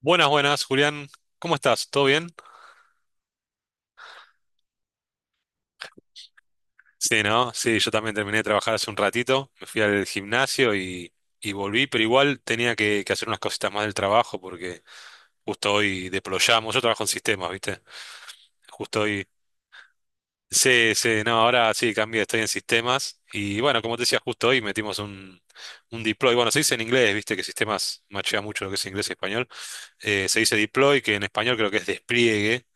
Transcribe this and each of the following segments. Buenas, buenas, Julián. ¿Cómo estás? ¿Todo bien? Sí, ¿no? Sí, yo también terminé de trabajar hace un ratito. Me fui al gimnasio y volví, pero igual tenía que hacer unas cositas más del trabajo porque justo hoy deployamos. Yo trabajo en sistemas, ¿viste? Justo hoy. Sí, sí, no, ahora sí cambié, estoy en sistemas. Y bueno, como te decía, justo hoy metimos un deploy. Bueno, se dice en inglés, ¿viste? Que sistemas machea mucho lo que es inglés y español. Se dice deploy, que en español creo que es despliegue,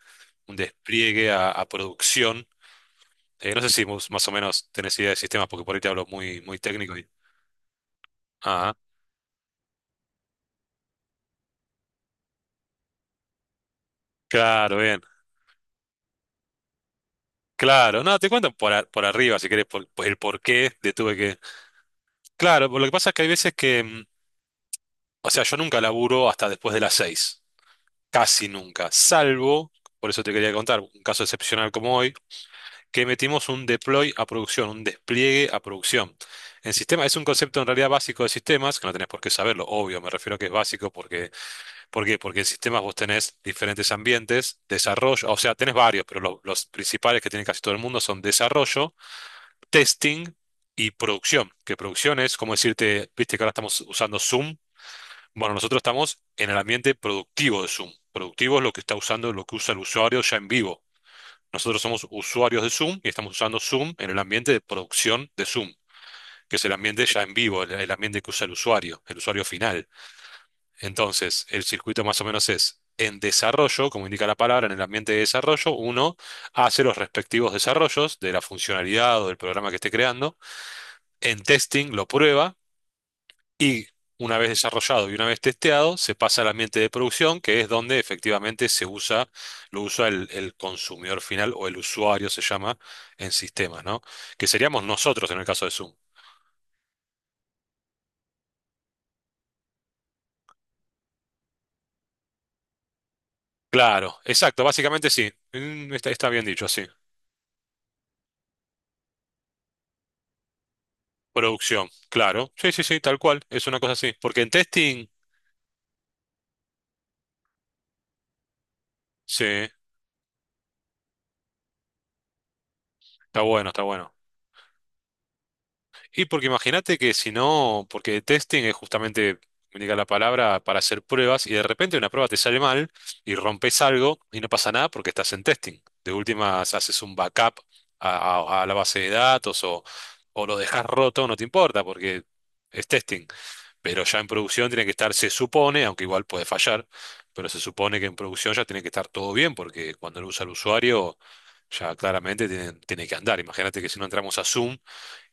un despliegue a producción. No sé si más o menos tenés idea de sistemas, porque por ahí te hablo muy, muy técnico. Y... Ajá. Claro, bien. Claro, no, te cuento por arriba, si querés, por el por qué de tuve que... Claro, por lo que pasa es que hay veces que, o sea, yo nunca laburo hasta después de las 6, casi nunca, salvo, por eso te quería contar, un caso excepcional como hoy, que metimos un deploy a producción, un despliegue a producción. En sistema, es un concepto en realidad básico de sistemas, que no tenés por qué saberlo, obvio, me refiero a que es básico porque ¿por qué? Porque en sistemas vos tenés diferentes ambientes, desarrollo, o sea, tenés varios, pero los principales que tiene casi todo el mundo son desarrollo, testing y producción. Que producción es como decirte, viste que ahora estamos usando Zoom. Bueno, nosotros estamos en el ambiente productivo de Zoom. Productivo es lo que está usando, lo que usa el usuario ya en vivo. Nosotros somos usuarios de Zoom y estamos usando Zoom en el ambiente de producción de Zoom, que es el ambiente ya en vivo, el ambiente que usa el usuario final. Entonces, el circuito más o menos es en desarrollo, como indica la palabra, en el ambiente de desarrollo, uno hace los respectivos desarrollos de la funcionalidad o del programa que esté creando. En testing lo prueba y una vez desarrollado y una vez testeado, se pasa al ambiente de producción, que es donde efectivamente se usa, lo usa el consumidor final o el usuario se llama en sistemas, ¿no? Que seríamos nosotros en el caso de Zoom. Claro, exacto, básicamente sí. Está bien dicho, sí. Producción, claro. Sí, sí, sí, tal cual. Es una cosa así. Porque en testing, sí, está bueno, está bueno. Y porque imagínate que si no, porque testing es justamente, me diga la palabra, para hacer pruebas y de repente una prueba te sale mal y rompes algo y no pasa nada porque estás en testing. De últimas haces un backup a la base de datos o lo dejas roto, no te importa porque es testing. Pero ya en producción tiene que estar, se supone, aunque igual puede fallar, pero se supone que en producción ya tiene que estar todo bien, porque cuando lo usa el usuario, ya claramente tiene, que andar. Imagínate que si no entramos a Zoom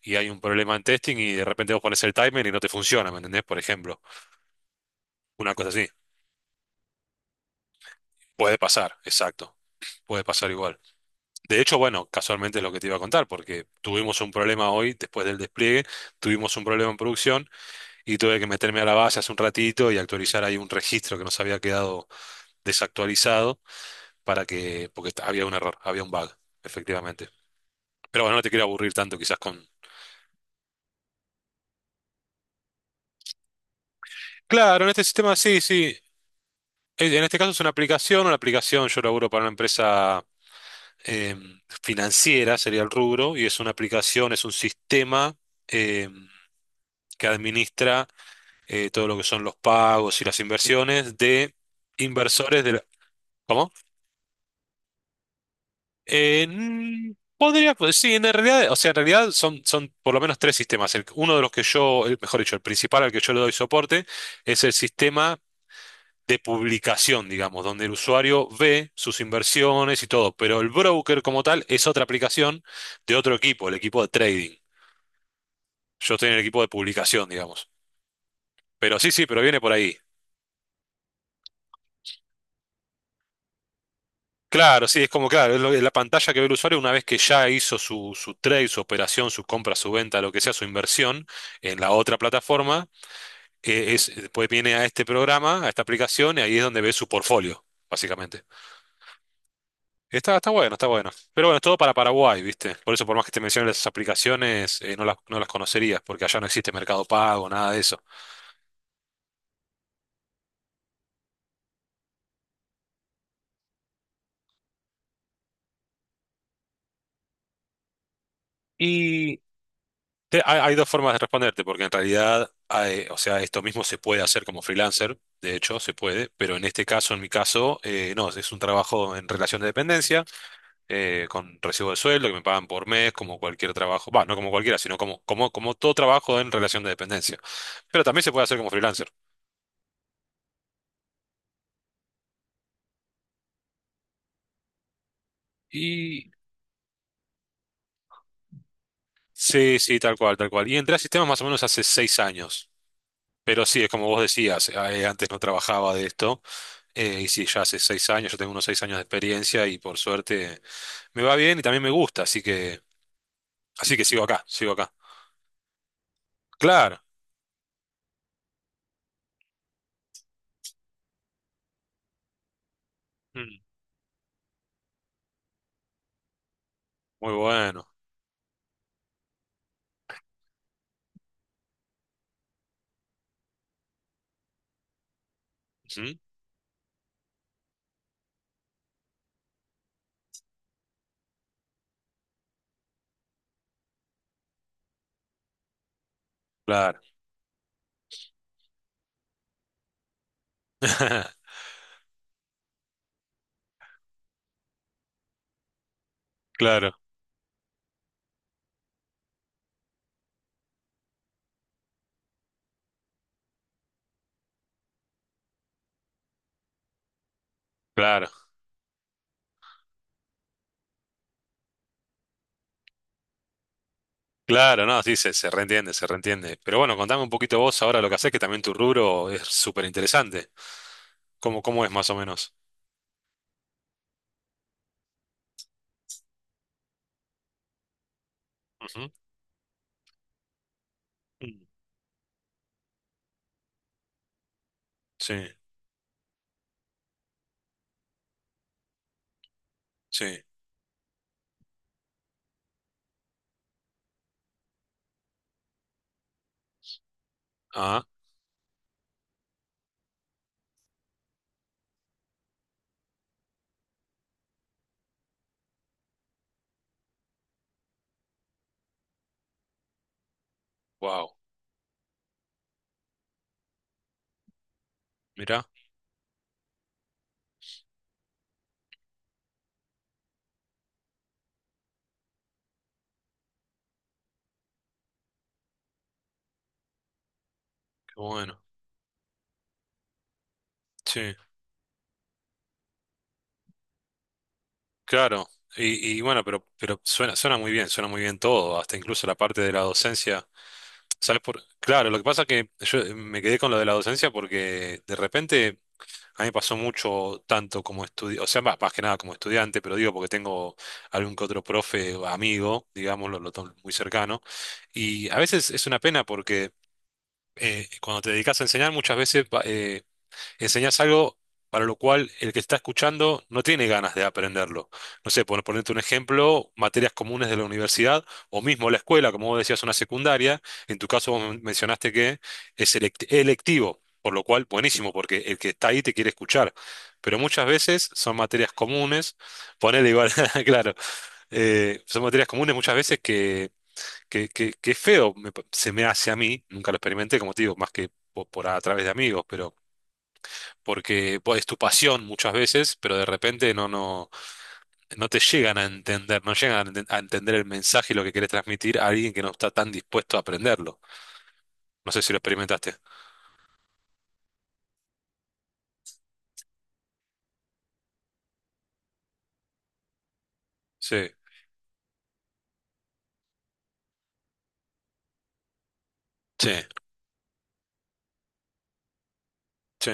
y hay un problema en testing y de repente vos pones el timer y no te funciona, ¿me entendés? Por ejemplo, una cosa así. Puede pasar, exacto. Puede pasar igual. De hecho, bueno, casualmente es lo que te iba a contar, porque tuvimos un problema hoy, después del despliegue, tuvimos un problema en producción y tuve que meterme a la base hace un ratito y actualizar ahí un registro que nos había quedado desactualizado para que, porque había un error, había un bug, efectivamente. Pero bueno, no te quiero aburrir tanto quizás con... Claro, en este sistema sí, sí. En este caso es una aplicación, yo laburo para una empresa eh, financiera, sería el rubro, y es una aplicación, es un sistema eh, que administra todo lo que son los pagos y las inversiones de inversores de la... ¿Cómo? Eh, mm, Podría, pues sí, en realidad, o sea, en realidad son, por lo menos tres sistemas. Uno de los que yo, mejor dicho, el principal al que yo le doy soporte es el sistema de publicación, digamos, donde el usuario ve sus inversiones y todo, pero el broker como tal es otra aplicación de otro equipo, el equipo de trading. Yo estoy en el equipo de publicación, digamos. Pero sí, sí, pero viene por ahí. Claro, sí, es como, claro, es es la pantalla que ve el usuario una vez que ya hizo su, trade, su operación, su compra, su venta, lo que sea, su inversión en la otra plataforma, después viene a este programa, a esta aplicación, y ahí es donde ve su portfolio, básicamente. Está bueno, está bueno. Pero bueno, es todo para Paraguay, ¿viste? Por eso, por más que te mencionen esas aplicaciones, no las, conocerías, porque allá no existe Mercado Pago, nada de eso. Hay dos formas de responderte, porque en realidad, o sea, esto mismo se puede hacer como freelancer, de hecho, se puede, pero en este caso, en mi caso, no, es un trabajo en relación de dependencia, con recibo de sueldo que me pagan por mes, como cualquier trabajo, va, no como cualquiera, sino como todo trabajo en relación de dependencia. Pero también se puede hacer como freelancer. Y sí, sí, tal cual, tal cual. Y entré a sistemas más o menos hace 6 años. Pero sí, es como vos decías, antes no trabajaba de esto, y sí, ya hace 6 años, yo tengo unos 6 años de experiencia y por suerte. Me va bien y también me gusta, así que sigo acá, sigo acá. Claro, mm, muy bueno. Ujú, claro, claro, claro, claro, no, sí, se reentiende, se reentiende. Pero bueno, contame un poquito vos ahora lo que haces, que también tu rubro es súper interesante. ¿Cómo es más o menos? Ujú, mm, sí, sí. Ah, wow, mirá, qué bueno. Sí, claro. Y bueno, pero suena muy bien, suena muy bien todo, hasta incluso la parte de la docencia. ¿Sabes por? Claro, lo que pasa es que yo me quedé con lo de la docencia porque de repente a mí me pasó mucho tanto como estudiante, o sea, más que nada como estudiante, pero digo porque tengo algún que otro profe o amigo, digámoslo, lo tomo muy cercano, y a veces es una pena porque cuando te dedicas a enseñar muchas veces enseñás algo para lo cual el que está escuchando no tiene ganas de aprenderlo. No sé, por ponerte un ejemplo, materias comunes de la universidad o mismo la escuela, como vos decías, una secundaria. En tu caso, vos mencionaste que es electivo, por lo cual, buenísimo, porque el que está ahí te quiere escuchar. Pero muchas veces son materias comunes, ponele igual, claro, son materias comunes muchas veces que es feo, se me hace a mí, nunca lo experimenté, como te digo, más que a través de amigos, pero porque pues, es tu pasión muchas veces, pero de repente no, te llegan a entender, no llegan a entender el mensaje y lo que querés transmitir a alguien que no está tan dispuesto a aprenderlo. No sé si lo experimentaste. Sí, sí, sí,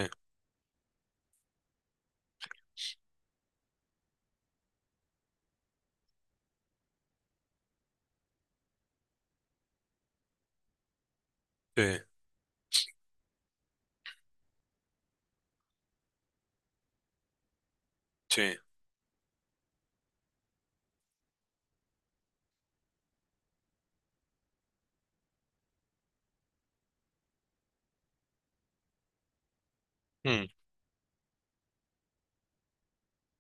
sí, sí. Mm,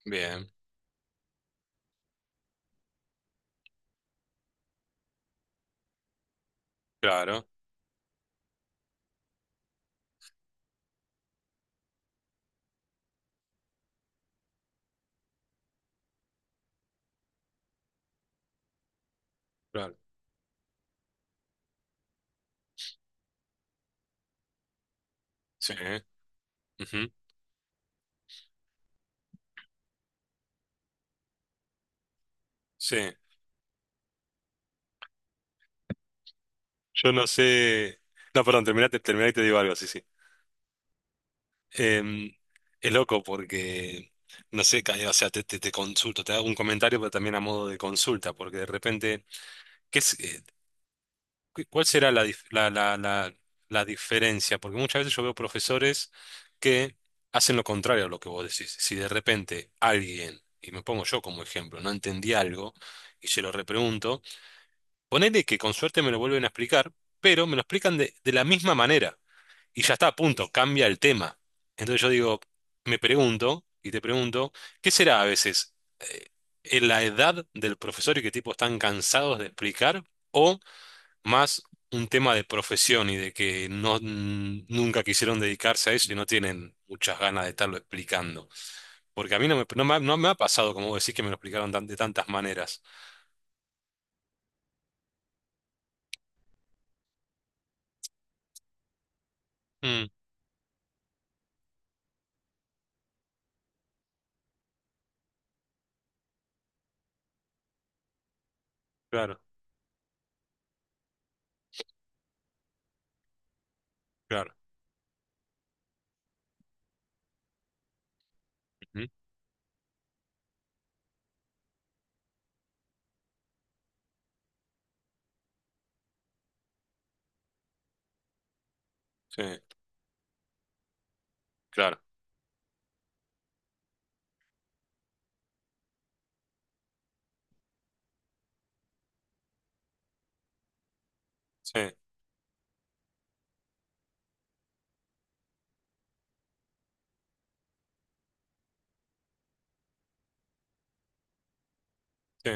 bien, claro, claro. Sí, ujú, sí. Yo no sé. No, perdón, terminate, terminate y te digo algo, sí, sí. Em, es loco porque, no sé, o sea, te consulto, te hago un comentario, pero también a modo de consulta, porque de repente, ¿qué es? ¿Cuál será la, dif- la diferencia? Porque muchas veces yo veo profesores que hacen lo contrario a lo que vos decís. Si de repente alguien, y me pongo yo como ejemplo, no entendí algo y se lo repregunto, ponele que con suerte me lo vuelven a explicar, pero me lo explican de la misma manera y ya está a punto, cambia el tema. Entonces yo digo, me pregunto y te pregunto, ¿qué será a veces eh, en la edad del profesor y qué tipo están cansados de explicar o más un tema de profesión y de que no nunca quisieron dedicarse a eso y no tienen muchas ganas de estarlo explicando? Porque a mí no me ha pasado, como vos decís, que me lo explicaron de tantas maneras. Mm, claro, claro. Ujú, sí, claro. Sí, sí.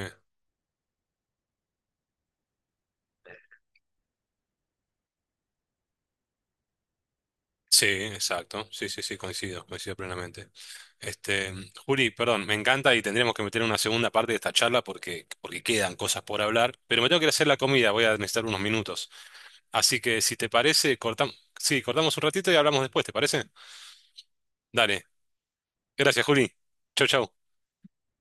Sí, exacto. Sí, sí, sí, coincido, coincido plenamente. Este, Juli, perdón, me encanta y tendríamos que meter una segunda parte de esta charla porque quedan cosas por hablar, pero me tengo que ir a hacer la comida, voy a necesitar unos minutos. Así que si te parece, cortamos, sí, cortamos un ratito y hablamos después, ¿te parece? Dale. Gracias, Juli. Chau, chau.